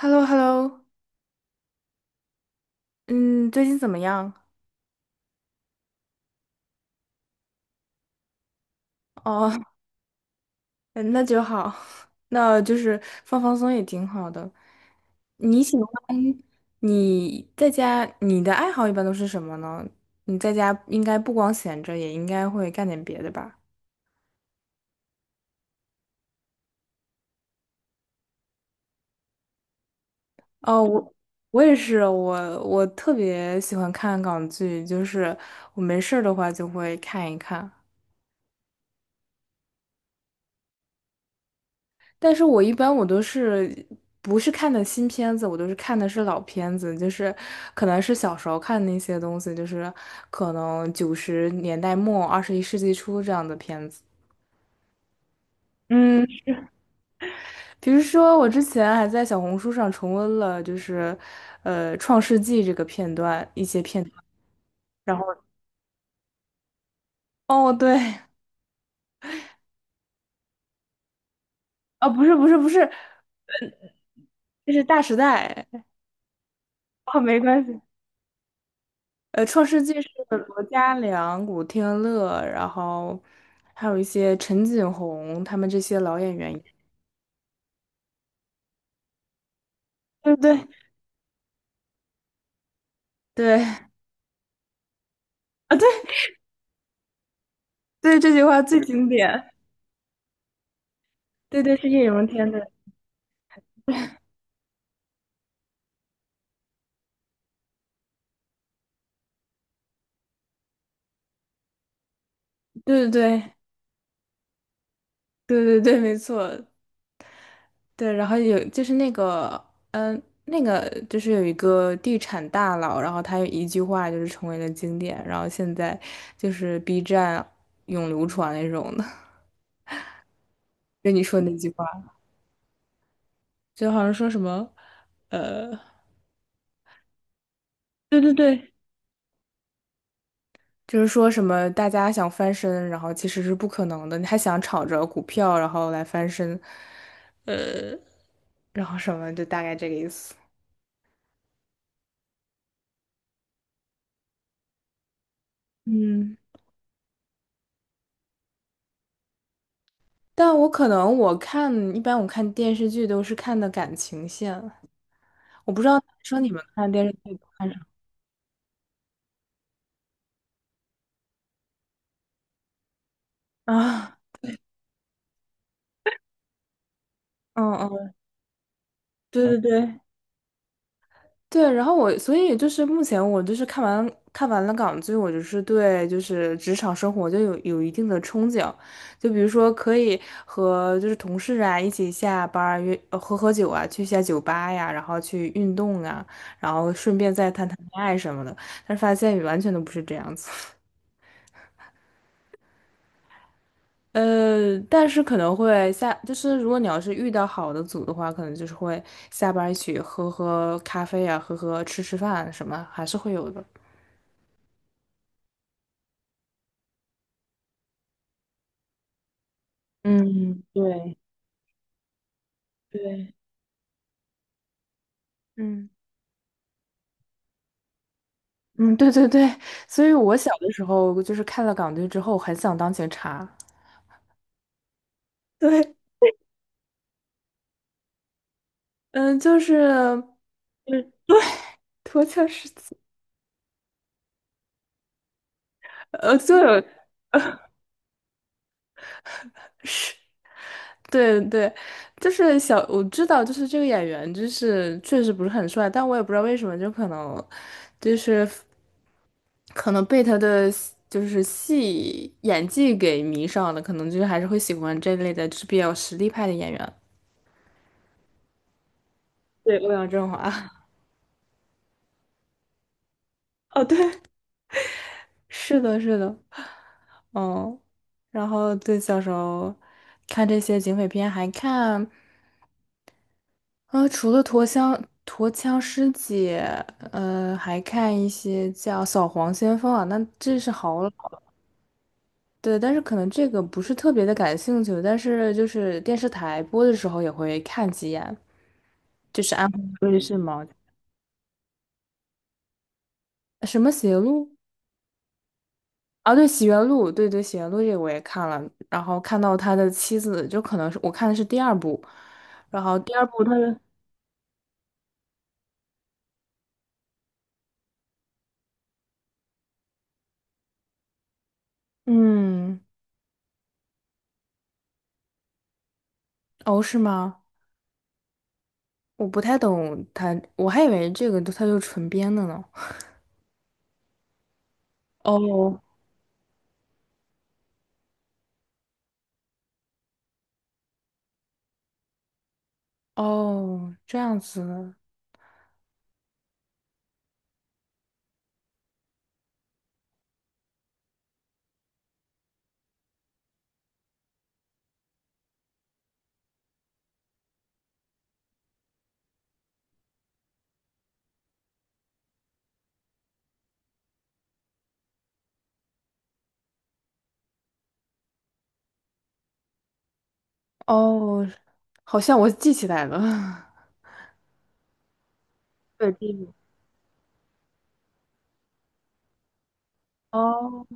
h e l l o h e l l o 嗯，最近怎么样？哦，嗯那就好，那就是放放松也挺好的。你喜欢你在家，你的爱好一般都是什么呢？你在家应该不光闲着，也应该会干点别的吧？哦，我也是，我特别喜欢看港剧，就是我没事儿的话就会看一看。但是我一般我都是不是看的新片子，我都是看的是老片子，就是可能是小时候看那些东西，就是可能九十年代末、二十一世纪初这样的片子。嗯，比如说我之前还在小红书上重温了，就是《创世纪》这个片段一些片段，然后哦对，啊不是不是不是，这是《大时代》。哦，没关系。《创世纪》是罗嘉良、古天乐，然后还有一些陈锦鸿他们这些老演员演。对对对啊，对对，这句话最经典。对对，是叶荣添的。对对对对对对，没错。对，然后有就是那个，那个就是有一个地产大佬，然后他有一句话就是成为了经典，然后现在就是 B 站永流传那种的，跟你说那句话，就好像说什么，呃。对对对，就是说什么大家想翻身，然后其实是不可能的，你还想炒着股票然后来翻身，呃，然后什么就大概这个意思。嗯，但我可能我看一般我看电视剧都是看的感情线，我不知道男生你们看电视剧都看什么啊？嗯嗯，对对对，对，然后我，所以就是目前我就是看完了港剧，我就是对就是职场生活就有一定的憧憬，就比如说可以和就是同事啊一起下班儿约喝喝酒啊，去一下酒吧呀，然后去运动啊，然后顺便再谈谈恋爱什么的，但是发现完全都不是这样子。但是可能会下，就是如果你要是遇到好的组的话，可能就是会下班儿一起喝喝咖啡啊，喝喝吃吃饭什么，还是会有的。嗯，对对，嗯嗯，对对对，所以我小的时候就是看了港剧之后，很想当警察。对，嗯，就是嗯，脱壳是，就是对对，就是小，我知道，就是这个演员，就是确实不是很帅，但我也不知道为什么，就可能就是可能被他的就是戏演技给迷上了，可能就是还是会喜欢这类的，就是比较实力派的演员。对，欧阳震华。哦，对，是的，是的，嗯，然后对，小时候看这些警匪片，还看，除了陀枪师姐，还看一些叫《扫黄先锋》啊，那这是好老，对，但是可能这个不是特别的感兴趣，但是就是电视台播的时候也会看几眼。所以是吗？什么邪路？啊，对《洗冤录》，对对，《洗冤录》这个我也看了，然后看到他的妻子，就可能是我看的是第二部，然后第二部他是，嗯，哦，是吗？我不太懂他，我还以为这个他就纯编的呢。哦哦，这样子，哦，好像我记起来了，对，第一部。哦，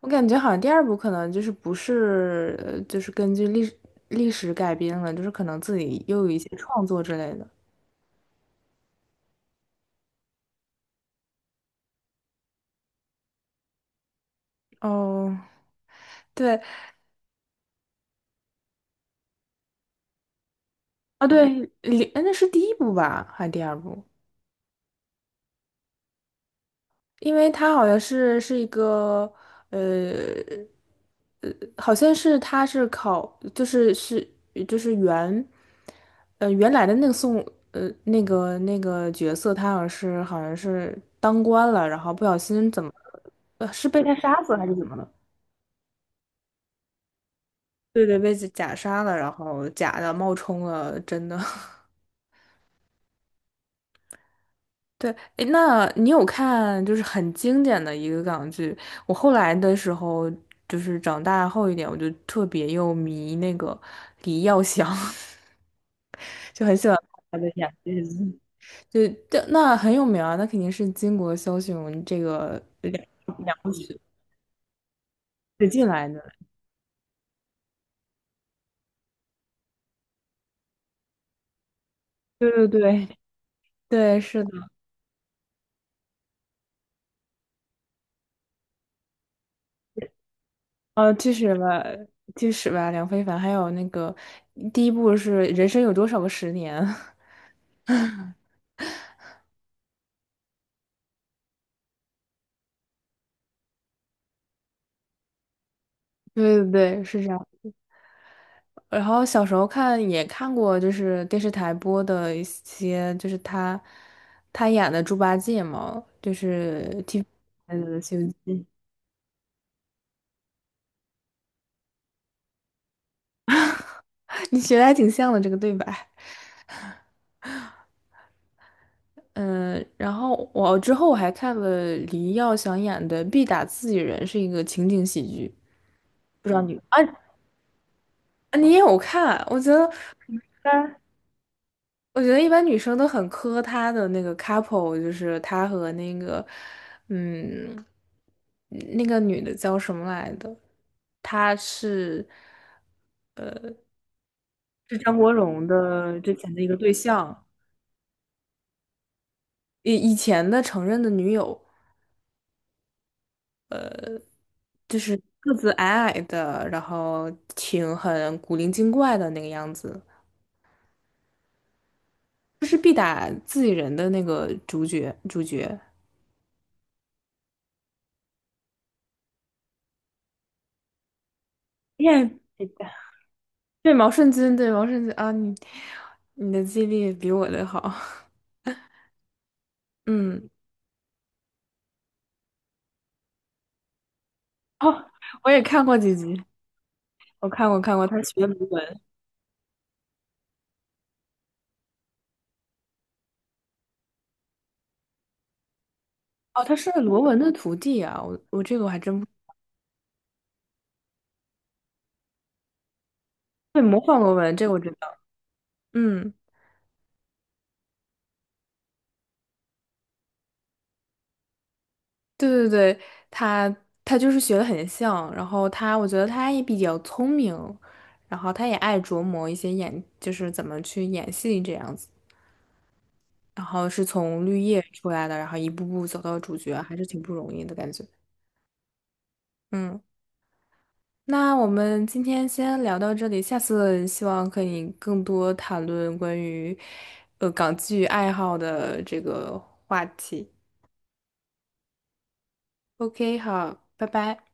我感觉好像第二部可能就是不是，就是根据历史改编了，就是可能自己又有一些创作之类的。哦，对啊，对，里哎那是第一部吧，还是第二部？因为他好像是一个呃呃，好像是他是考就是是就是原原来的那个宋那个那个角色，他好像是当官了，然后不小心怎么是被他杀死还是怎么了？对对，被假杀了，然后假的冒充了真的。对，诶那你有看就是很经典的一个港剧？我后来的时候，就是长大后一点，我就特别又迷那个李耀祥，就很喜欢看他的演技。就那很有名啊，那肯定是巾帼枭雄这个梁梁子引进来的。对对对对，是的。呃，其实吧，其实吧,梁非凡，还有那个第一部是《人生有多少个十年》。对对对，是这样。然后小时候看也看过，就是电视台播的一些，就是他演的猪八戒嘛，就是 TV 拍的《西游记》，你学的还挺像的这个对白。嗯，然后我之后我还看了黎耀祥演的《必打自己人》，是一个情景喜剧，不知道你啊,你也有看？我觉得。我觉得一般女生都很磕他的那个 couple,就是他和那个，嗯，那个女的叫什么来的？她是张国荣的之前的一个对象，以前的承认的女友，就是个子矮矮的，然后挺很古灵精怪的那个样子，就是必打自己人的那个主角。耶，对毛舜筠，对毛舜筠啊，你的记忆力比我的好。嗯，哦，我也看过几集，我看过看过，他学罗文，哦，他是罗文的徒弟啊，我这个我还真不，对，模仿罗文这个我知道，嗯，对对对，他他就是学的很像，然后他我觉得他也比较聪明，然后他也爱琢磨一些演，就是怎么去演戏这样子，然后是从绿叶出来的，然后一步步走到主角，还是挺不容易的感觉，嗯。那我们今天先聊到这里，下次希望可以更多谈论关于港剧爱好的这个话题。OK,好，拜拜。